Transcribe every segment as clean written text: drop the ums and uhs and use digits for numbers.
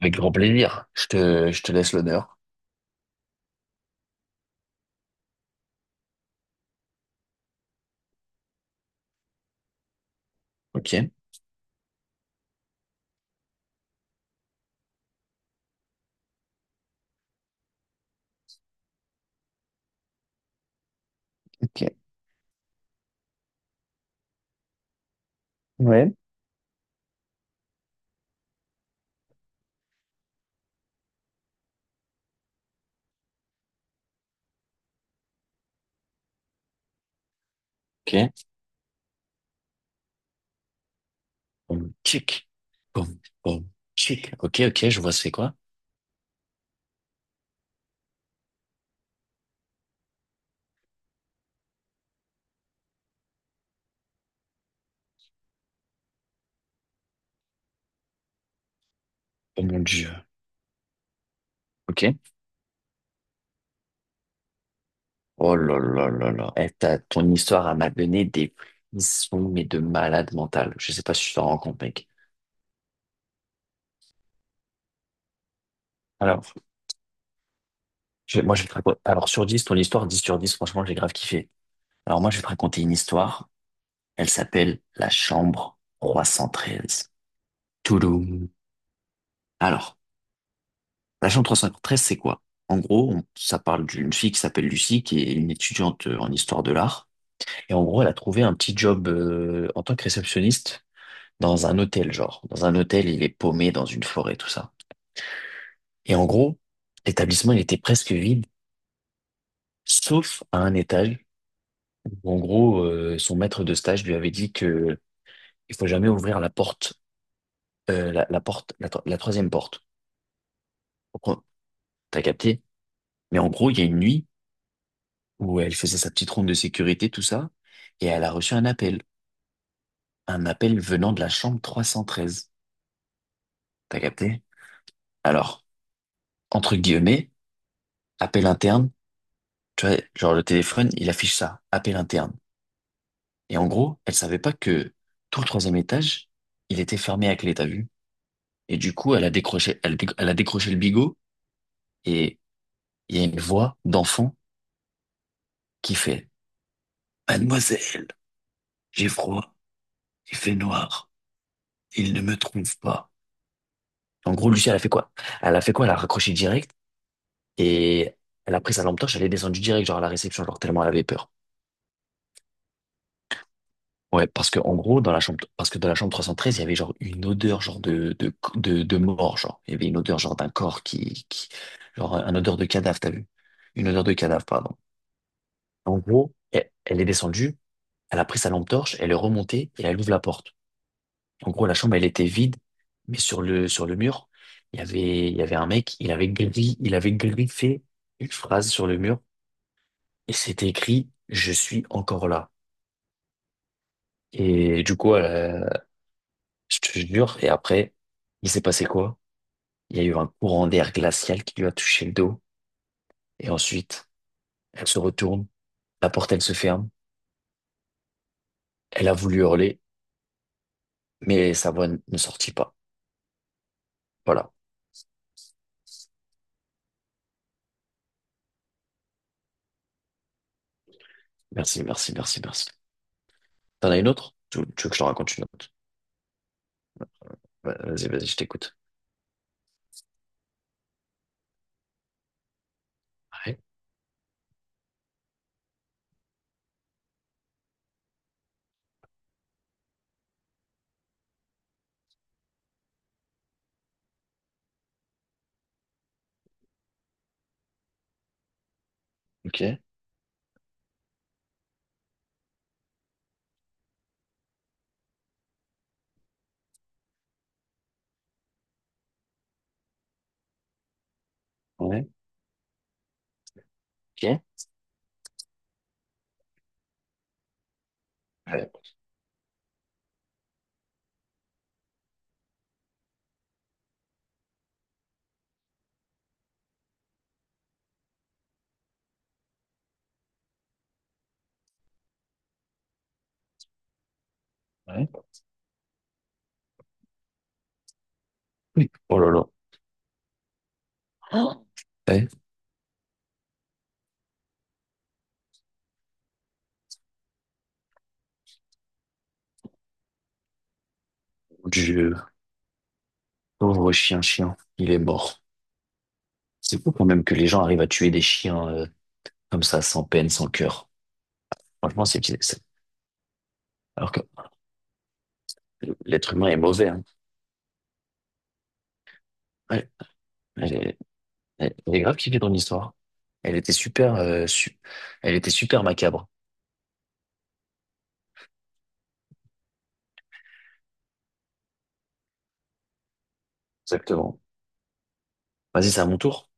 Avec grand plaisir. Je te laisse l'honneur. Ok. Ok. Ouais. Ok. Bon, tchic. Bon, bon, tchic. Ok, ok, je vois c'est quoi. Oh mon Dieu. Ok. Oh là là là là. Eh, ton histoire elle m'a donné des frissons, mais de malade mental. Je sais pas si tu t'en rends compte, mec. Alors, moi, je vais te raconter. Alors, sur 10, ton histoire, 10 sur 10. Franchement, j'ai grave kiffé. Alors, moi, je vais te raconter une histoire. Elle s'appelle La Chambre 313. Touloum. Alors, La chambre trois cent cinquante-treize, c'est quoi? En gros, ça parle d'une fille qui s'appelle Lucie, qui est une étudiante en histoire de l'art. Et en gros, elle a trouvé un petit job en tant que réceptionniste dans un hôtel, genre. Dans un hôtel, il est paumé dans une forêt, tout ça. Et en gros, l'établissement, il était presque vide, sauf à un étage où, en gros, son maître de stage lui avait dit que il faut jamais ouvrir la porte, la porte, la troisième porte. Pourquoi? T'as capté? Mais en gros, il y a une nuit, où elle faisait sa petite ronde de sécurité, tout ça, et elle a reçu un appel. Un appel venant de la chambre 313. T'as capté? Alors, entre guillemets, appel interne, tu vois, genre le téléphone, il affiche ça, appel interne. Et en gros, elle savait pas que tout le troisième étage, il était fermé à clé, t'as vu? Et du coup, elle a décroché, elle a décroché le bigot, et il y a une voix d'enfant qui fait, Mademoiselle, j'ai froid, il fait noir, il ne me trouve pas. En gros, Lucie, elle a fait quoi? Elle a fait quoi? Elle a raccroché direct. Et elle a pris sa lampe torche, elle est descendue direct, genre à la réception, genre tellement elle avait peur. Ouais, parce que en gros, dans la chambre, parce que dans la chambre 313 il y avait genre une odeur genre de mort, genre il y avait une odeur genre d'un corps qui genre un odeur de cadavre, t'as vu? Une odeur de cadavre, pardon. En gros, elle est descendue, elle a pris sa lampe torche, elle est remontée et elle ouvre la porte. En gros, la chambre elle était vide, mais sur le mur, il y avait un mec, il avait il avait griffé une phrase sur le mur et c'était écrit «Je suis encore là». Et du coup, je te jure, et après, il s'est passé quoi? Il y a eu un courant d'air glacial qui lui a touché le dos. Et ensuite, elle se retourne, la porte, elle se ferme. Elle a voulu hurler, mais sa ne sortit pas. Voilà. Merci, merci, merci, merci. T'en as une autre? Tu veux que je te raconte une autre? Ouais, Vas-y, je t'écoute. Ouais. Ok. Ouais. Ok. Ouais. Ouais. Oui. Oh là là. Oh. Ouais. Dieu. Pauvre chien, chien. Il est mort. C'est fou quand même que les gens arrivent à tuer des chiens. Comme ça, sans peine, sans cœur. Franchement, c'est petit. Alors que l'être humain est mauvais. Hein. Ouais. Elle est, elle est grave kiffée ton histoire. Elle était super, elle était super macabre. Exactement. Vas-y, c'est à mon tour.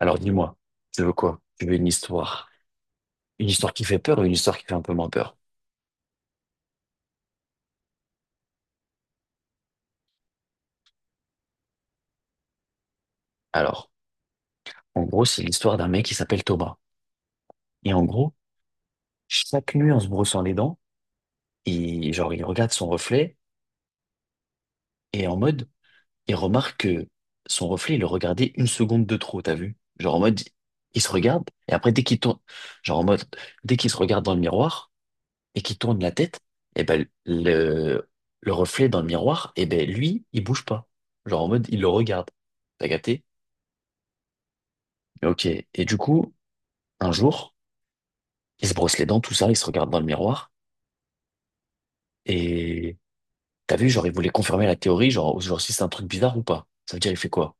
Alors dis-moi, tu veux quoi? Tu veux une histoire qui fait peur ou une histoire qui fait un peu moins peur? Alors, en gros, c'est l'histoire d'un mec qui s'appelle Thomas. Et en gros, chaque nuit, en se brossant les dents, il, genre, il regarde son reflet et en mode, il remarque que son reflet, il le regardait une seconde de trop, t'as vu? Genre en mode, il se regarde, et après, dès qu'il tourne, genre en mode, dès qu'il se regarde dans le miroir et qu'il tourne la tête, et ben, le reflet dans le miroir, et ben, lui, il bouge pas. Genre en mode, il le regarde. T'as capté? Ok. Et du coup, un jour, il se brosse les dents, tout ça, il se regarde dans le miroir, et t'as vu, genre, il voulait confirmer la théorie, genre si c'est un truc bizarre ou pas. Ça veut dire, il fait quoi?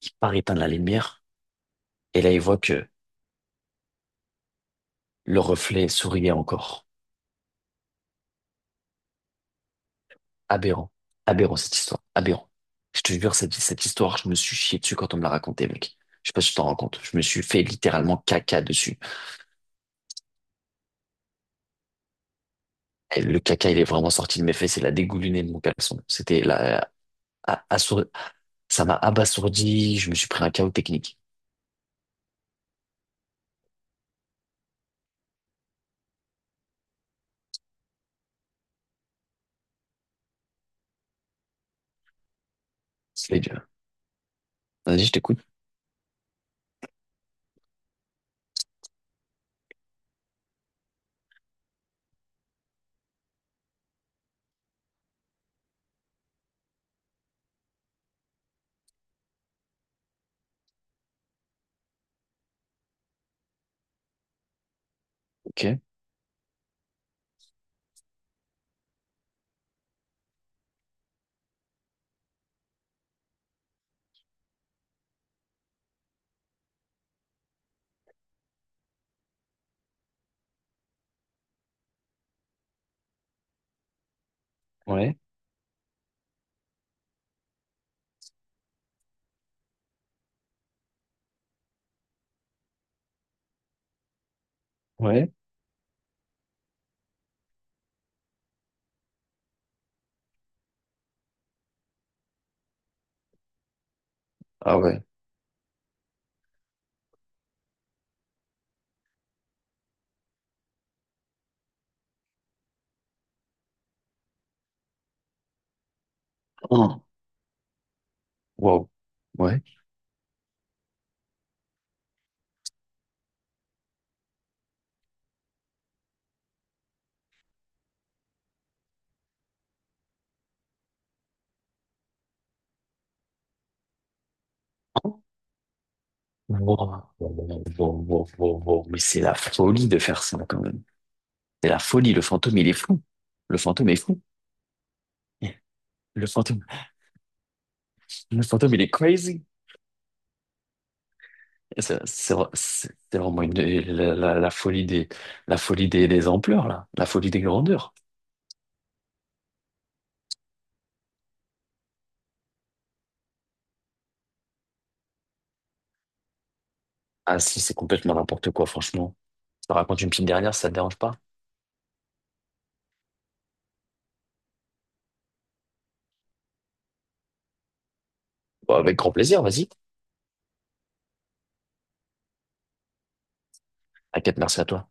Il part éteindre la lumière, et là, il voit que le reflet souriait encore. Aberrant. Aberrant, cette histoire. Aberrant. Je te jure, cette histoire, je me suis chié dessus quand on me l'a raconté, mec. Je sais pas si tu t'en rends compte. Je me suis fait littéralement caca dessus. Et le caca, il est vraiment sorti de mes fesses et la dégouliné de mon caleçon. C'était la, a- assour- ça m'a abasourdi. Je me suis pris un chaos technique. C'est dur. Vas-y, je t'écoute. Ok. Ouais. Ouais. Ah ouais. Hum. Wow. Ouais. Wow. Wow, wow, wow, wow, wow. Mais c'est la folie de faire ça, quand même. C'est la folie, le fantôme, il est fou. Le fantôme est fou. Le fantôme, le fantôme, il est crazy. C'est vraiment la folie la folie des ampleurs, là. La folie des grandeurs. Ah si, c'est complètement n'importe quoi, franchement. Je te raconte une petite dernière, si ça te dérange pas? Bon, avec grand plaisir, vas-y. T'inquiète, merci à toi.